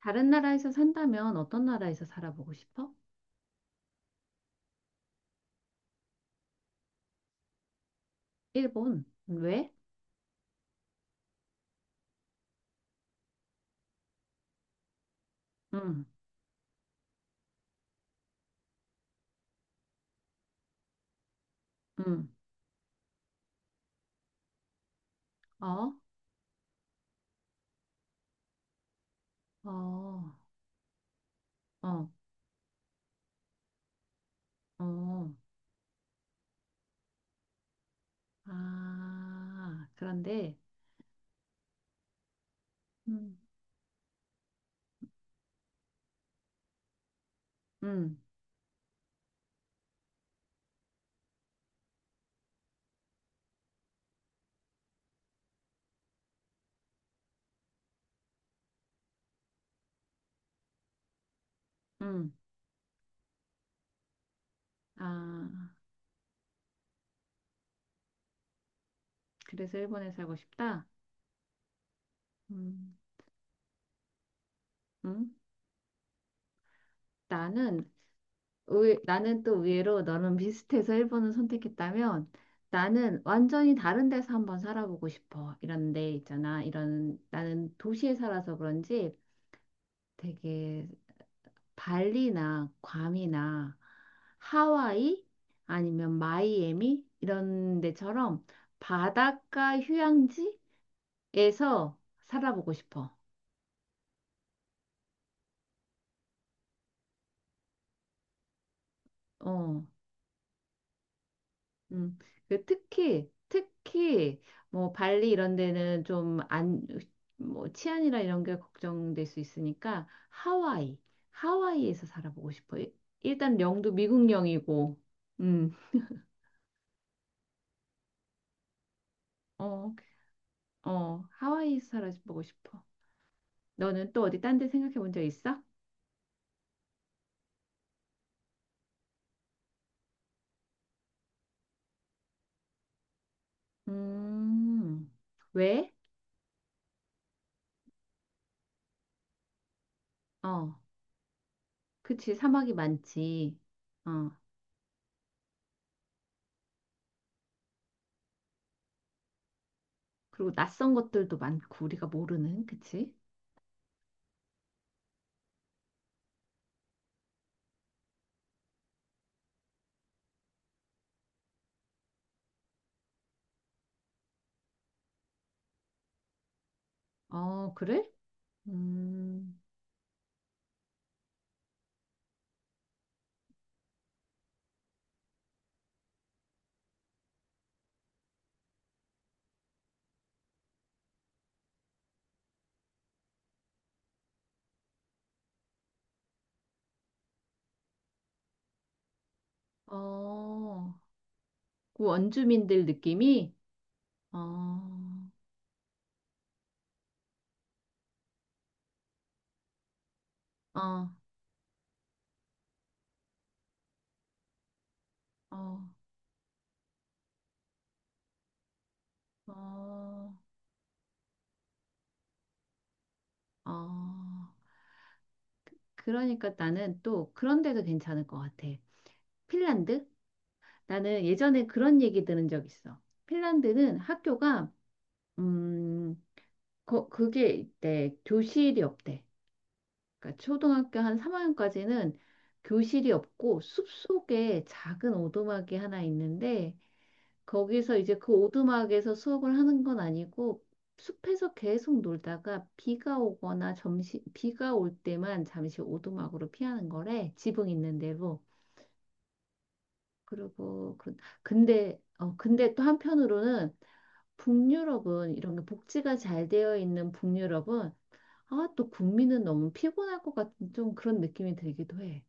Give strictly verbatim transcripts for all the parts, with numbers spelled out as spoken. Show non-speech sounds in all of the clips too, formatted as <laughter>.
다른 나라에서 산다면 어떤 나라에서 살아보고 싶어? 일본? 왜? 응, 응. 어, 어, 어, 어. 아, 그런데, 음, 음, 음. 아, 그래서 일본에 살고 싶다? 음, 음. 나는, 의, 나는 또 의외로 너는 비슷해서 일본을 선택했다면 나는 완전히 다른 데서 한번 살아보고 싶어. 이런 데 있잖아. 이런, 나는 도시에 살아서 그런지 되게 발리나 괌이나 하와이 아니면 마이애미 이런 데처럼 바닷가 휴양지에서 살아보고 싶어. 어, 음. 그 특히 특히 뭐 발리 이런 데는 좀 안, 뭐 치안이나 이런 게 걱정될 수 있으니까 하와이, 하와이에서 살아보고 싶어. 일- 일단 영도 미국 영이고, 음, 어, 어, 하와이에서 살아보고 싶어. 너는 또 어디 딴 데 생각해 본 적 있어? 음, 왜? 어, 그치. 사막이 많지. 어, 그리고 낯선 것들도 많고, 우리가 모르는, 그치? 어, 그래? 음, 어, 그 원주민들 느낌이? 어, 어, 어, 어, 어. 그러니까 나는 또 그런 데도 괜찮을 것 같아. 핀란드? 나는 예전에 그런 얘기 들은 적 있어. 핀란드는 학교가, 음, 거, 그게 있대. 교실이 없대. 그러니까 초등학교 한 삼 학년까지는 교실이 없고 숲속에 작은 오두막이 하나 있는데 거기서 이제 그 오두막에서 수업을 하는 건 아니고 숲에서 계속 놀다가 비가 오거나 점심 비가 올 때만 잠시 오두막으로 피하는 거래. 지붕 있는 데로 그리고 그- 근데 어 근데 또 한편으로는 북유럽은 이런 게 복지가 잘 되어 있는 북유럽은 아, 또 국민은 너무 피곤할 것 같은 좀 그런 느낌이 들기도 해.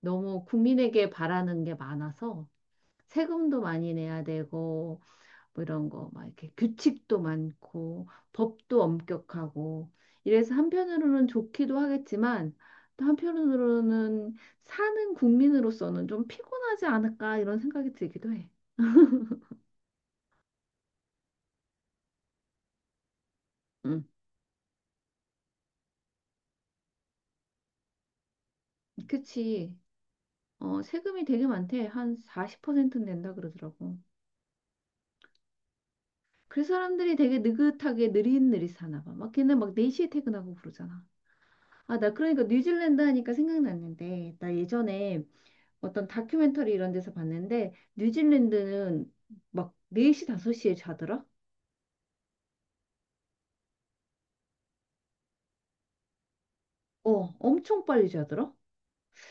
너무 국민에게 바라는 게 많아서 세금도 많이 내야 되고 뭐 이런 거 막 이렇게 규칙도 많고 법도 엄격하고 이래서 한편으로는 좋기도 하겠지만 또 한편으로는 사는 국민으로서는 좀 피곤하지 않을까 이런 생각이 들기도 해. 응, 그치. 어, 세금이 되게 많대. 한 사십 퍼센트 낸다 그러더라고. 그 사람들이 되게 느긋하게 느릿느릿 사나 봐. 막 걔는 막 네 시에 퇴근하고 그러잖아. 아, 나 그러니까 뉴질랜드 하니까 생각났는데, 나 예전에 어떤 다큐멘터리 이런 데서 봤는데, 뉴질랜드는 막 네 시, 다섯 시에 자더라? 어, 엄청 빨리 자더라?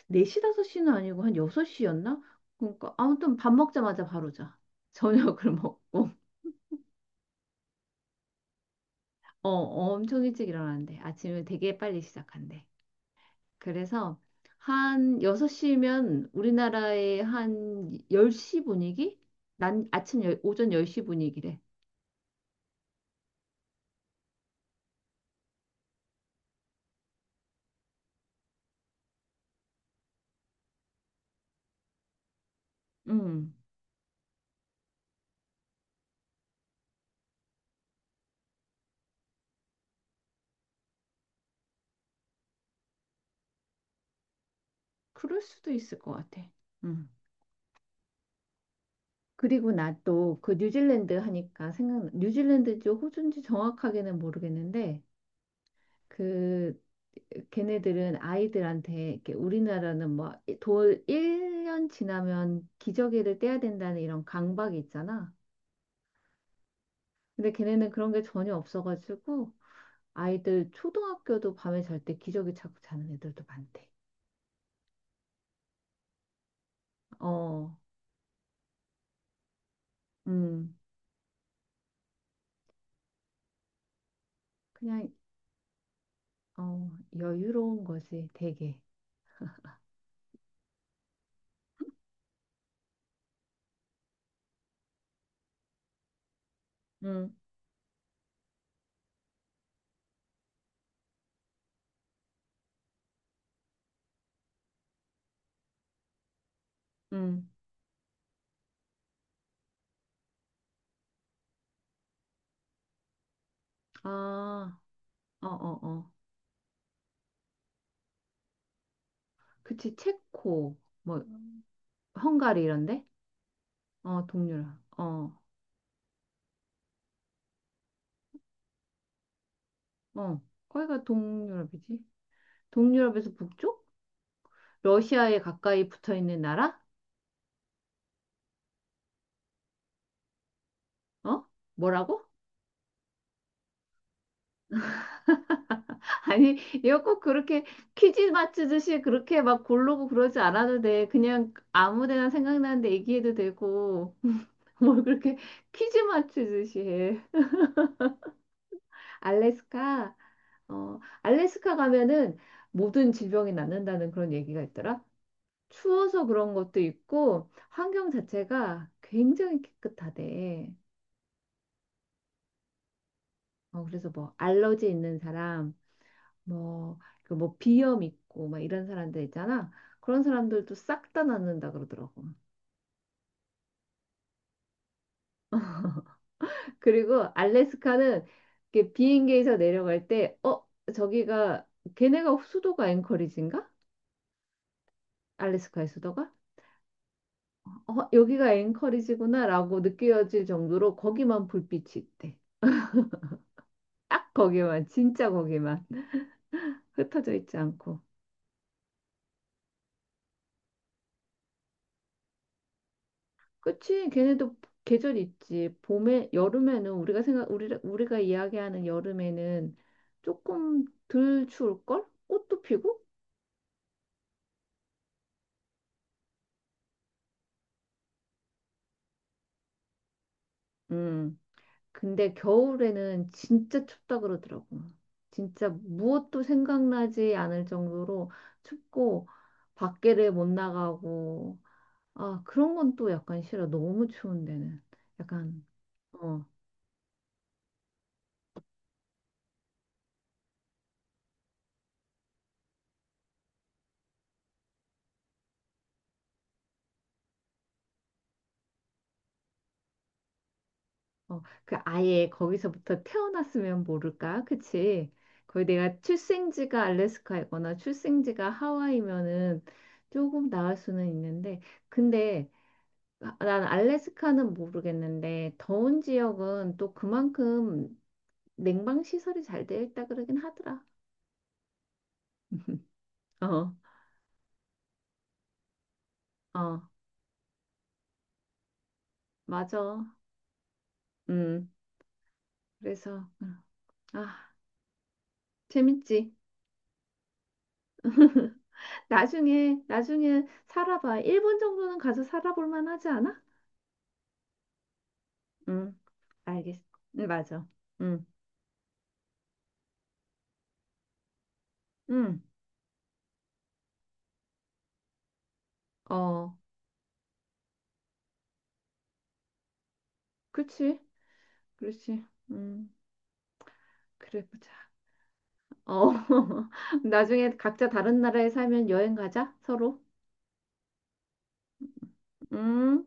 네 시, 다섯 시는 아니고 한 여섯 시였나? 그러니까 아무튼 밥 먹자마자 바로 자. 저녁을 <laughs> 먹고. 어, 엄청 일찍 일어나는데 아침을 되게 빨리 시작한대. 그래서 한 여섯 시면 우리나라의 한 열 시 분위기? 난 아침 열- 오전 열 시 분위기래. 음. 그럴 수도 있을 것 같아. 음. 그리고 나 또 그 뉴질랜드 하니까 생각 뉴질랜드인지 호주인지 정확하게는 모르겠는데 그 걔네들은 아이들한테 이렇게 우리나라는 뭐돌 일 년 지나면 기저귀를 떼야 된다는 이런 강박이 있잖아. 근데 걔네는 그런 게 전혀 없어가지고 아이들 초등학교도 밤에 잘 때 기저귀 차고 자는 애들도 많대. 어, 음, 그냥 어 여유로운 거지 되게. 음, 음, 아, 어, 어, 어, 그치. 체코 뭐 음. 헝가리 이런데? 어, 동유럽. 어, 어, 거기가 동유럽이지? 동유럽에서 북쪽? 러시아에 가까이 붙어 있는 나라? 어? 뭐라고? 아니, 이거 꼭 그렇게 퀴즈 맞추듯이 그렇게 막 고르고 그러지 않아도 돼. 그냥 아무 데나 생각나는데 얘기해도 되고, <laughs> 뭘 그렇게 퀴즈 맞추듯이 해. 알래스카, 어, 알래스카 가면은 모든 질병이 낫는다는 그런 얘기가 있더라. 추워서 그런 것도 있고, 환경 자체가 굉장히 깨끗하대. 어, 그래서 뭐, 알러지 있는 사람, 뭐, 그 뭐 비염 있고 막 이런 사람들 있잖아. 그런 사람들도 싹 다 낫는다 그러더라고. <laughs> 그리고 알래스카는 이렇게 비행기에서 내려갈 때, 어, 저기가 걔네가 수도가 앵커리지인가? 알래스카의 수도가? 어, 여기가 앵커리지구나라고 느껴질 정도로 거기만 불빛이 있대. 딱 거기만, 진짜 거기만 흩어져 있지 않고. 그치? 걔네도 계절 있지. 봄에, 여름에는 우리가 생각, 우리, 우리가 이야기하는 여름에는 조금 덜 추울걸? 꽃도 피고? 음. 근데 겨울에는 진짜 춥다 그러더라고. 진짜 무엇도 생각나지 않을 정도로 춥고, 밖에를 못 나가고, 아, 그런 건 또 약간 싫어. 너무 추운 데는. 약간, 어. 어, 그 아예 거기서부터 태어났으면 모를까? 그치? 거의 내가 출생지가 알래스카이거나 출생지가 하와이면은 조금 나을 수는 있는데, 근데 아, 난 알래스카는 모르겠는데, 더운 지역은 또 그만큼 냉방 시설이 잘 되어 있다 그러긴 하더라. <laughs> 어, 어, 맞아. 음, 그래서, 음, 아, 재밌지? <laughs> 나중에, 나중에 살아봐. 일본 정도는 가서 살아볼 만하지 않아? 음, 알겠어. 음, 맞아. 음, 음, 어, 그렇지, 그렇지. 음, 그래 보자. 어, <laughs> 나중에 각자 다른 나라에 살면 여행 가자, 서로. 음.